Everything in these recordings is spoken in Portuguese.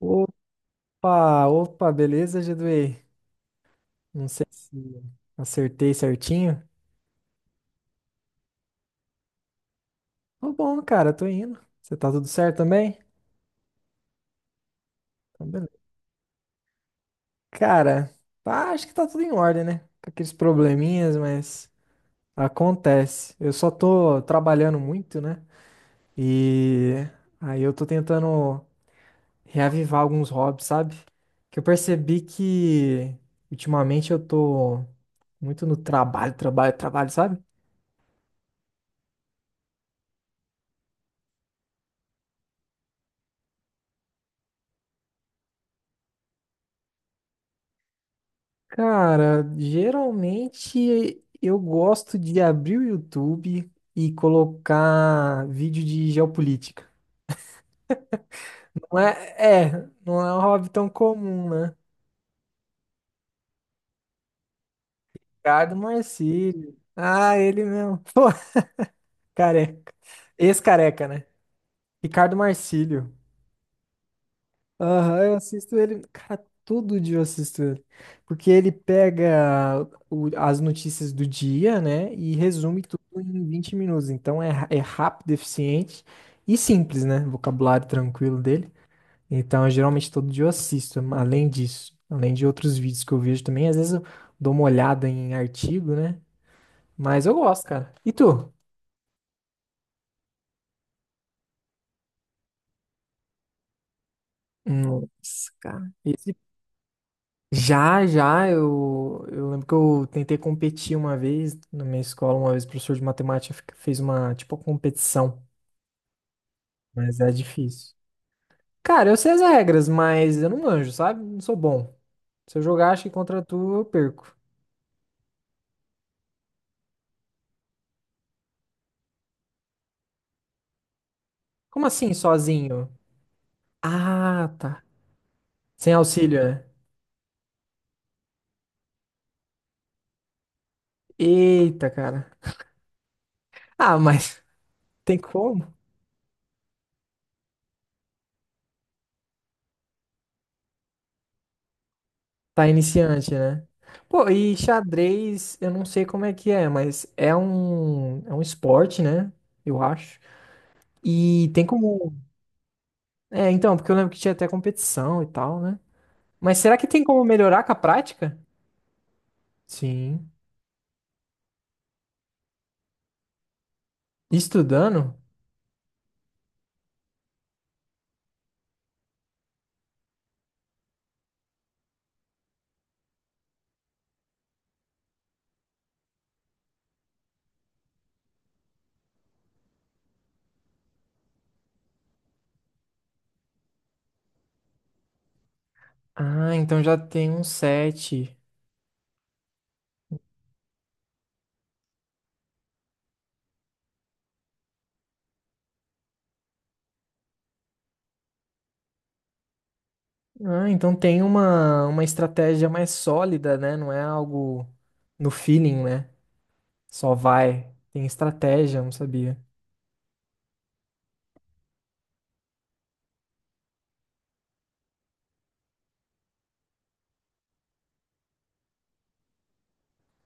Opa, opa, beleza, Geduei? Não sei se acertei certinho. Tô bom, cara, tô indo. Você tá tudo certo também? Então, beleza. Cara, acho que tá tudo em ordem, né? Com aqueles probleminhas, mas acontece. Eu só tô trabalhando muito, né? E aí eu tô tentando reavivar alguns hobbies, sabe? Que eu percebi que ultimamente eu tô muito no trabalho, trabalho, trabalho, sabe? Cara, geralmente eu gosto de abrir o YouTube e colocar vídeo de geopolítica. Não é, é, não é um hobby tão comum, né? Ricardo Marcílio. Ah, ele mesmo. Pô, careca. Ex-careca, né? Ricardo Marcílio. Aham, eu assisto ele, cara, todo dia eu assisto ele. Porque ele pega as notícias do dia, né, e resume tudo em 20 minutos. Então é rápido, eficiente e simples, né? Vocabulário tranquilo dele. Então, geralmente todo dia eu assisto, além disso, além de outros vídeos que eu vejo também. Às vezes eu dou uma olhada em artigo, né? Mas eu gosto, cara. E tu? Nossa, cara. Esse Já, já, eu lembro que eu tentei competir uma vez na minha escola, uma vez o professor de matemática fez uma, tipo, uma competição, mas é difícil. Cara, eu sei as regras, mas eu não manjo, sabe? Não sou bom. Se eu jogar, acho que contra tu, eu perco. Como assim, sozinho? Ah, tá. Sem auxílio, né? Eita, cara. Ah, mas tem como? Tá iniciante, né? Pô, e xadrez, eu não sei como é que é, mas é um esporte, né? Eu acho. E tem como. É, então, porque eu lembro que tinha até competição e tal, né? Mas será que tem como melhorar com a prática? Sim. Estudando? Ah, então já tem um set. Ah, então tem uma estratégia mais sólida, né? Não é algo no feeling, né? Só vai. Tem estratégia, não sabia.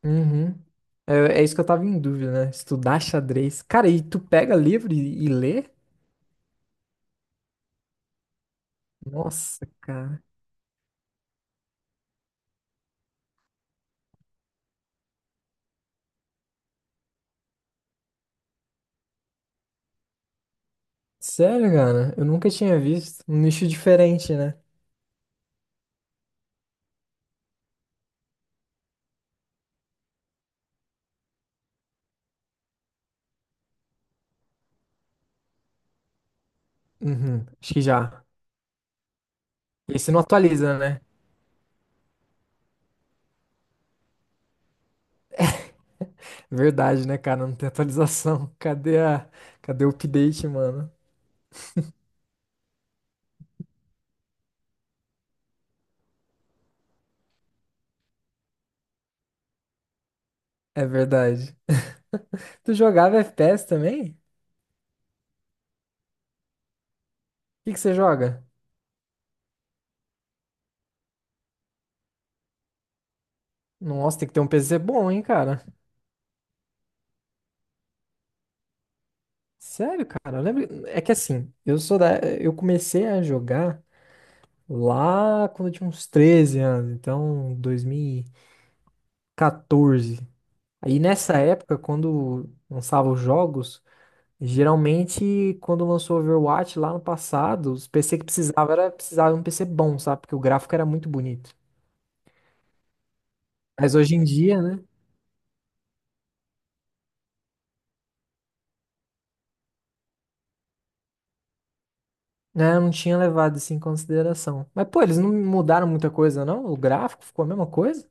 Uhum. É isso que eu tava em dúvida, né? Estudar xadrez. Cara, e tu pega livro e lê? Nossa, cara. Sério, cara? Eu nunca tinha visto. Um nicho diferente, né? Uhum, acho que já. Esse não atualiza, né? Verdade, né, cara? Não tem atualização. Cadê o update, mano? É verdade. Tu jogava FPS também? O que que você joga? Nossa, tem que ter um PC bom, hein, cara? Sério, cara? É que assim, Eu comecei a jogar lá quando eu tinha uns 13 anos. Então, 2014. Aí nessa época, quando lançava os jogos, geralmente quando lançou o Overwatch lá no passado, os PC que precisava era precisava de um PC bom, sabe? Porque o gráfico era muito bonito. Mas hoje em dia, né? Né, eu não tinha levado isso em consideração. Mas, pô, eles não mudaram muita coisa, não? O gráfico ficou a mesma coisa?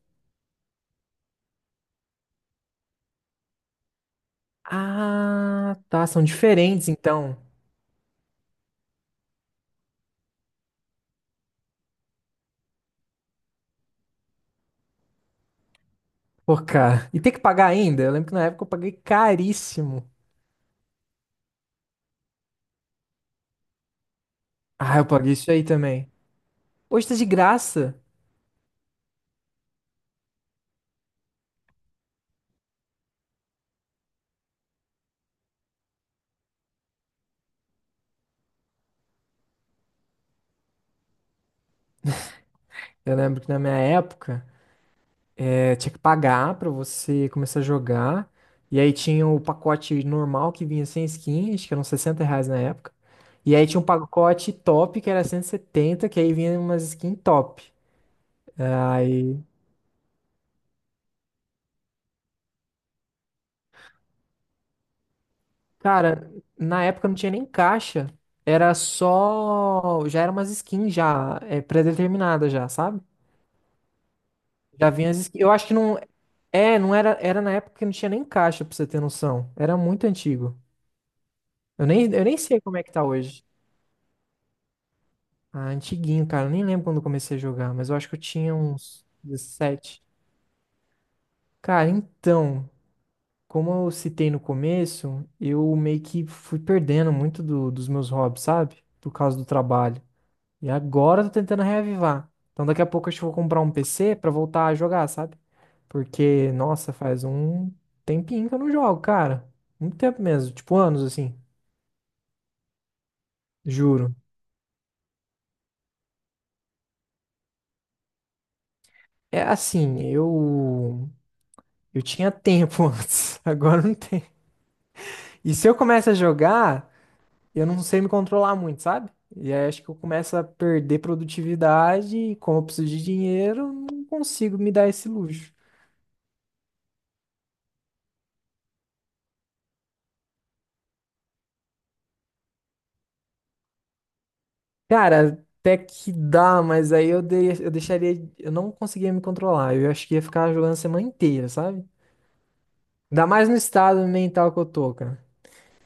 Ah, tá. São diferentes, então. Pô, cara. E tem que pagar ainda? Eu lembro que na época eu paguei caríssimo. Ah, eu paguei isso aí também. Hoje tá de graça. Eu lembro que na minha época. É, tinha que pagar pra você começar a jogar. E aí tinha o pacote normal que vinha sem skin, acho que eram R$ 60 na época. E aí tinha um pacote top que era 170, que aí vinha umas skin top. Aí, cara, na época não tinha nem caixa, era só, já era umas skins já, é, pré-determinadas já, sabe? Já vinha as skins. Eu acho que não, é, não era, era na época que não tinha nem caixa, pra você ter noção. Era muito antigo. Eu nem sei como é que tá hoje. Ah, antiguinho, cara. Eu nem lembro quando eu comecei a jogar, mas eu acho que eu tinha uns 17. Cara, então, como eu citei no começo, eu meio que fui perdendo muito dos meus hobbies, sabe? Por causa do trabalho. E agora eu tô tentando reavivar. Então daqui a pouco acho que eu vou comprar um PC pra voltar a jogar, sabe? Porque, nossa, faz um tempinho que eu não jogo, cara. Muito tempo mesmo, tipo anos assim, juro. É assim, eu tinha tempo antes, agora não tem. E se eu começo a jogar, eu não sei me controlar muito, sabe? E aí acho que eu começo a perder produtividade e como eu preciso de dinheiro, eu não consigo me dar esse luxo. Cara, até que dá, mas aí eu deixaria, eu não conseguia me controlar. Eu acho que ia ficar jogando a semana inteira, sabe? Ainda mais no estado mental que eu tô, cara.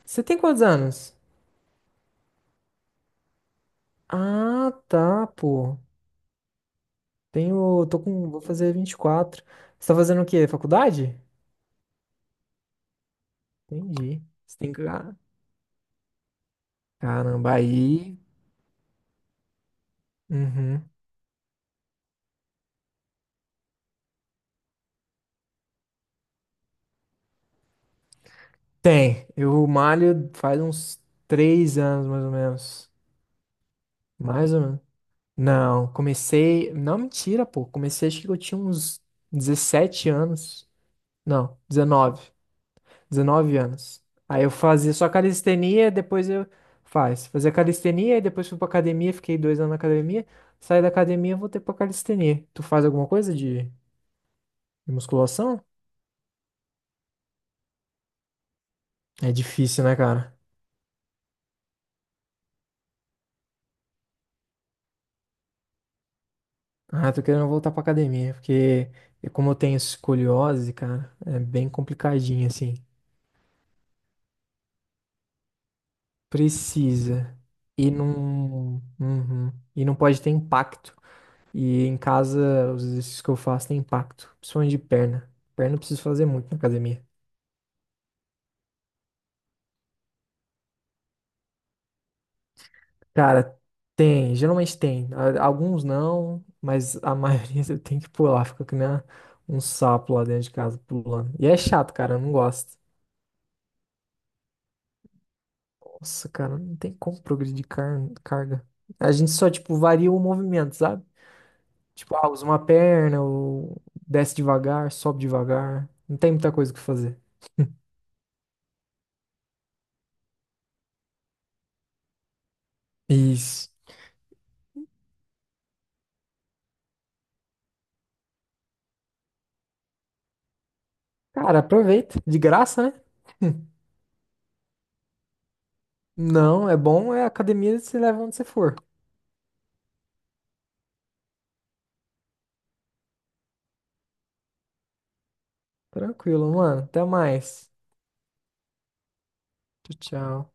Você tem quantos anos? Ah, tá, pô. Vou fazer 24. Você tá fazendo o quê? Faculdade? Entendi. Você tem que. Caramba, aí uhum. Tem. Eu malho faz uns 3 anos, mais ou menos. Mais ou menos. Não, comecei. Não, mentira, pô. Comecei, acho que eu tinha uns 17 anos. Não, 19, 19 anos. Aí eu fazia só calistenia, depois eu. Faz. Fazia calistenia, e depois fui pra academia, fiquei 2 anos na academia. Saí da academia, voltei pra calistenia. Tu faz alguma coisa de musculação? É difícil, né, cara? Ah, tô querendo voltar pra academia, porque como eu tenho escoliose, cara, é bem complicadinho, assim. Precisa. Uhum. E não pode ter impacto. E em casa, os exercícios que eu faço têm impacto, principalmente de perna. Perna eu preciso fazer muito na academia. Cara, tem, geralmente tem. Alguns não, mas a maioria eu tenho que pular, fica que nem um sapo lá dentro de casa pulando. E é chato, cara, eu não gosto. Nossa, cara, não tem como progredir de carga. A gente só, tipo, varia o movimento, sabe? Tipo, usa uma perna, ou desce devagar, sobe devagar. Não tem muita coisa o que fazer. Isso. Cara, aproveita. De graça, né? Não, é bom, é academia, você leva onde você for. Tranquilo, mano. Até mais. Tchau, tchau.